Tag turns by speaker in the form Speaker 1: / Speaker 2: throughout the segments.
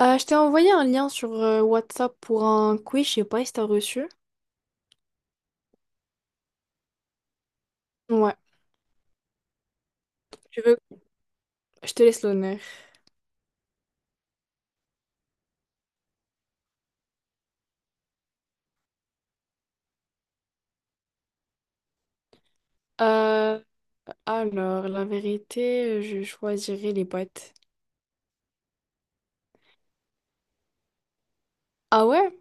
Speaker 1: Je t'ai envoyé un lien sur WhatsApp pour un quiz, je sais pas si t'as reçu. Ouais, tu veux, je te laisse l'honneur. Euh, alors, la vérité, je choisirais les boîtes. Ah ouais?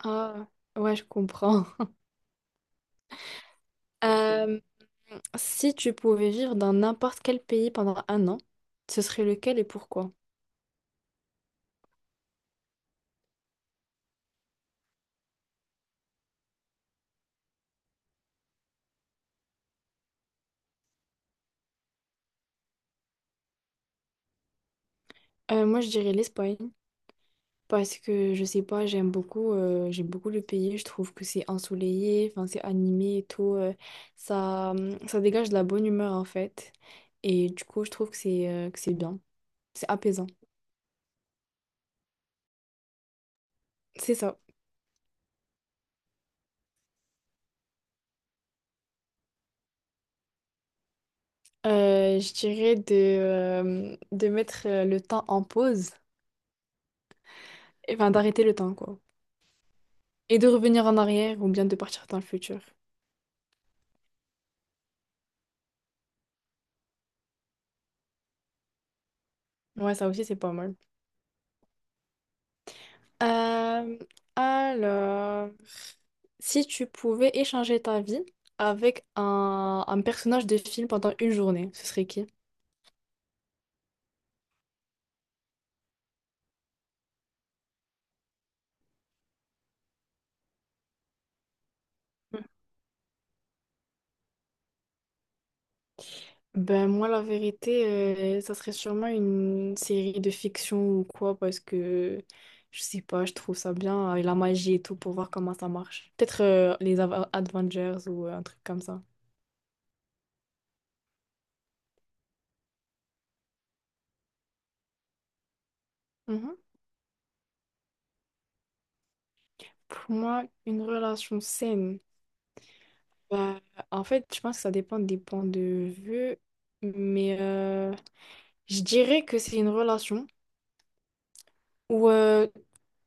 Speaker 1: Ah, ouais, je comprends. Euh, Si tu pouvais vivre dans n'importe quel pays pendant un an, ce serait lequel et pourquoi? Moi, je dirais l'Espagne. Parce que je sais pas, j'aime beaucoup le pays. Je trouve que c'est ensoleillé, enfin c'est animé et tout. Ça, ça dégage de la bonne humeur en fait. Et du coup, je trouve que c'est bien, c'est apaisant. C'est ça. Je dirais de mettre le temps en pause, enfin d'arrêter le temps quoi. Et de revenir en arrière ou bien de partir dans le futur. Ouais, ça aussi c'est pas mal. Euh, alors, si tu pouvais échanger ta vie avec un personnage de film pendant une journée, ce serait qui? Ben moi, la vérité, ça serait sûrement une série de fiction ou quoi, parce que je sais pas, je trouve ça bien, avec la magie et tout, pour voir comment ça marche. Peut-être les Avengers ou un truc comme ça. Mhm. Pour moi, une relation saine. Bah, en fait, je pense que ça dépend des points de vue, mais je dirais que c'est une relation où euh,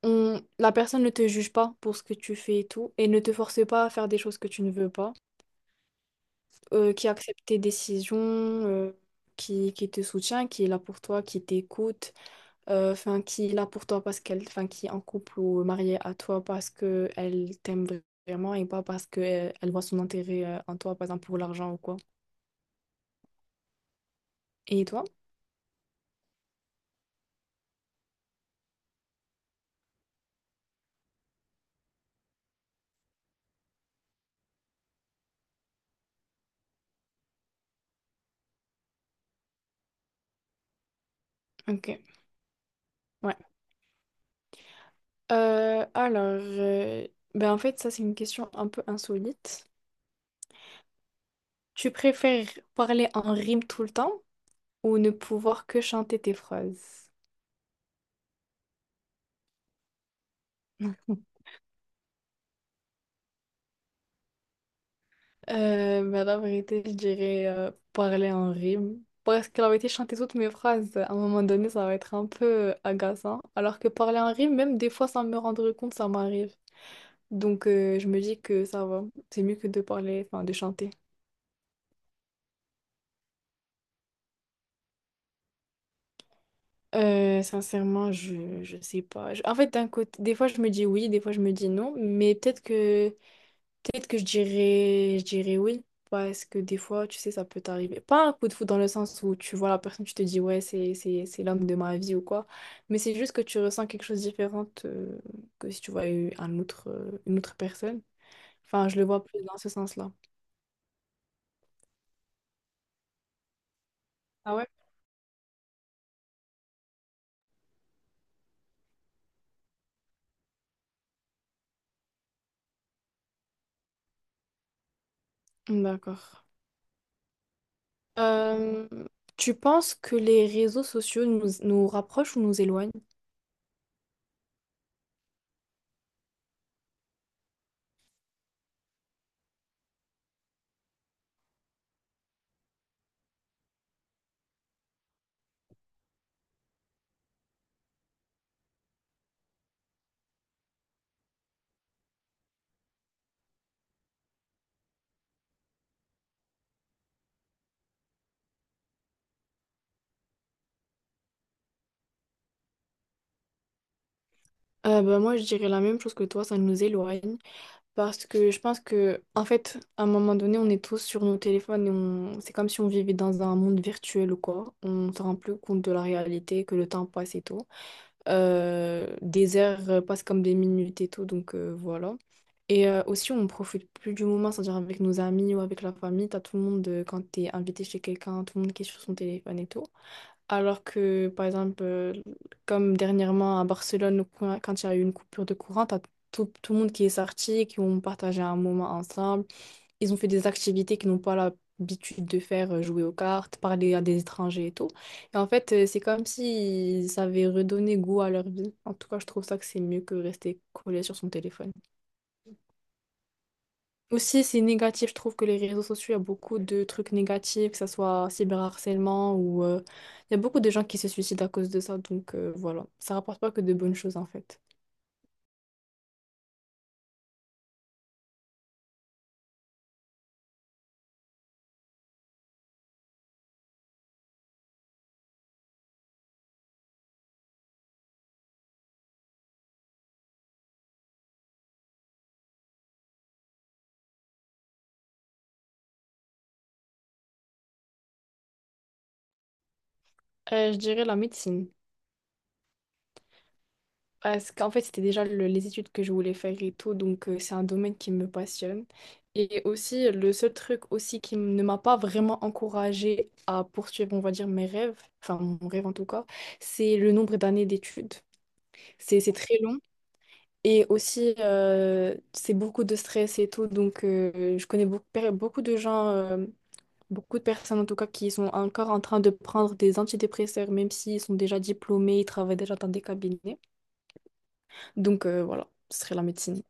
Speaker 1: on, la personne ne te juge pas pour ce que tu fais et tout, et ne te force pas à faire des choses que tu ne veux pas, qui accepte tes décisions, qui te soutient, qui est là pour toi, qui t'écoute, enfin, qui est là pour toi parce qu'elle, enfin, qui est en couple ou mariée à toi parce qu'elle t'aime vraiment et pas parce qu'elle elle voit son intérêt en toi, par exemple, pour l'argent ou quoi. Et toi? Ok. Ouais. Alors, ben en fait, ça c'est une question un peu insolite. Tu préfères parler en rime tout le temps ou ne pouvoir que chanter tes phrases? Ben la vérité, je dirais parler en rime. Parce que la vérité, chanter toutes mes phrases, à un moment donné, ça va être un peu agaçant. Alors que parler en rime, même des fois sans me rendre compte, ça m'arrive. Donc, je me dis que ça va. C'est mieux que de parler, enfin, de chanter. Sincèrement, je sais pas. En fait, d'un côté, des fois je me dis oui, des fois je me dis non, mais peut-être que je dirais oui parce que des fois, tu sais, ça peut t'arriver. Pas un coup de foudre dans le sens où tu vois la personne, tu te dis ouais, c'est l'homme de ma vie ou quoi, mais c'est juste que tu ressens quelque chose de différent que si tu voyais un autre une autre personne. Enfin, je le vois plus dans ce sens-là. Ah ouais? D'accord. Euh, Tu penses que les réseaux sociaux nous rapprochent ou nous éloignent? Bah, moi, je dirais la même chose que toi, ça nous éloigne. Parce que je pense que, en fait, à un moment donné, on est tous sur nos téléphones et c'est comme si on vivait dans un monde virtuel ou quoi. On ne se rend plus compte de la réalité, que le temps passe et tout. Des heures passent comme des minutes et tout, donc voilà. Et aussi, on ne profite plus du moment, c'est-à-dire avec nos amis ou avec la famille. T'as tout le monde, quand t'es invité chez quelqu'un, tout le monde qui est sur son téléphone et tout. Alors que, par exemple, comme dernièrement à Barcelone, quand il y a eu une coupure de courant, t'as tout le monde qui est sorti, qui ont partagé un moment ensemble. Ils ont fait des activités qu'ils n'ont pas l'habitude de faire, jouer aux cartes, parler à des étrangers et tout. Et en fait, c'est comme si ça avait redonné goût à leur vie. En tout cas, je trouve ça que c'est mieux que rester collé sur son téléphone. Aussi, c'est négatif. Je trouve que les réseaux sociaux, il y a beaucoup de trucs négatifs, que ce soit cyberharcèlement ou il y a beaucoup de gens qui se suicident à cause de ça. Donc voilà, ça rapporte pas que de bonnes choses en fait. Je dirais la médecine. Parce qu'en fait, c'était déjà les études que je voulais faire et tout, donc c'est un domaine qui me passionne. Et aussi, le seul truc aussi qui ne m'a pas vraiment encouragée à poursuivre, on va dire, mes rêves, enfin mon rêve en tout cas, c'est le nombre d'années d'études. C'est très long et aussi, c'est beaucoup de stress et tout, donc je connais beaucoup de gens, beaucoup de personnes en tout cas, qui sont encore en train de prendre des antidépresseurs, même s'ils sont déjà diplômés, ils travaillent déjà dans des cabinets. Donc voilà, ce serait la médecine.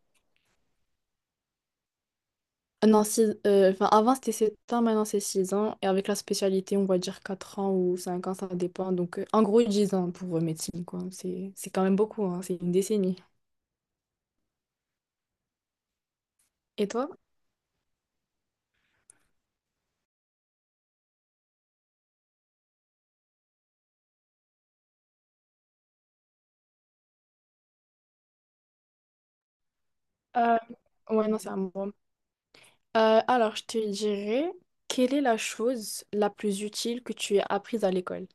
Speaker 1: Non, enfin, avant c'était 7 ans, maintenant c'est 6 ans. Et avec la spécialité, on va dire 4 ans ou 5 ans, ça dépend. Donc en gros 10 ans pour médecine, quoi. C'est quand même beaucoup, hein. C'est une décennie. Et toi? Euh, ouais, non, c'est à moi. Alors, je te dirais, quelle est la chose la plus utile que tu as apprise à l'école?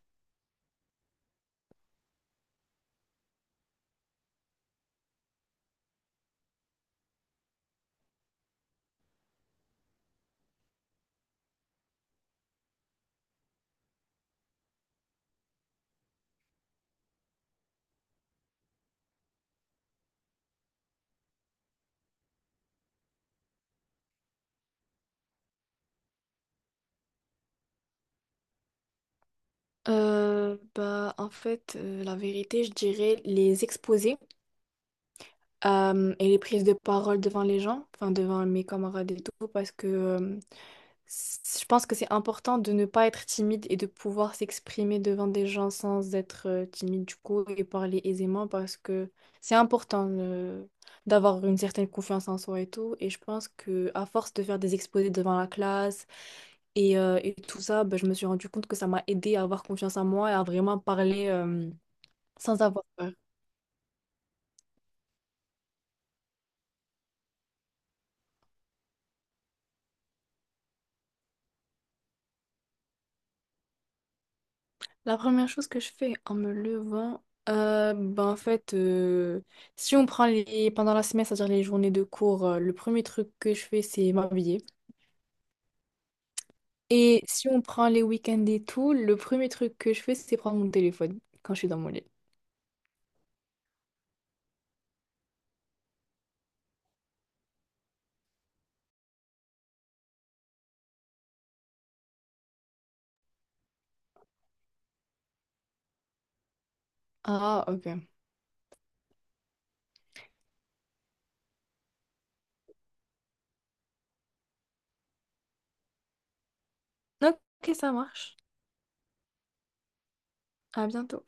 Speaker 1: Bah, en fait, la vérité, je dirais les exposés et les prises de parole devant les gens, enfin devant mes camarades et tout, parce que je pense que c'est important de ne pas être timide et de pouvoir s'exprimer devant des gens sans être timide du coup et parler aisément parce que c'est important d'avoir une certaine confiance en soi et tout. Et je pense que à force de faire des exposés devant la classe et tout ça, ben, je me suis rendu compte que ça m'a aidé à avoir confiance en moi et à vraiment parler sans avoir peur. La première chose que je fais en me levant, ben en fait, si on prend les pendant la semaine, c'est-à-dire les journées de cours, le premier truc que je fais, c'est m'habiller. Et si on prend les week-ends et tout, le premier truc que je fais, c'est prendre mon téléphone quand je suis dans mon lit. Ah, ok. Ok, ça marche. À bientôt.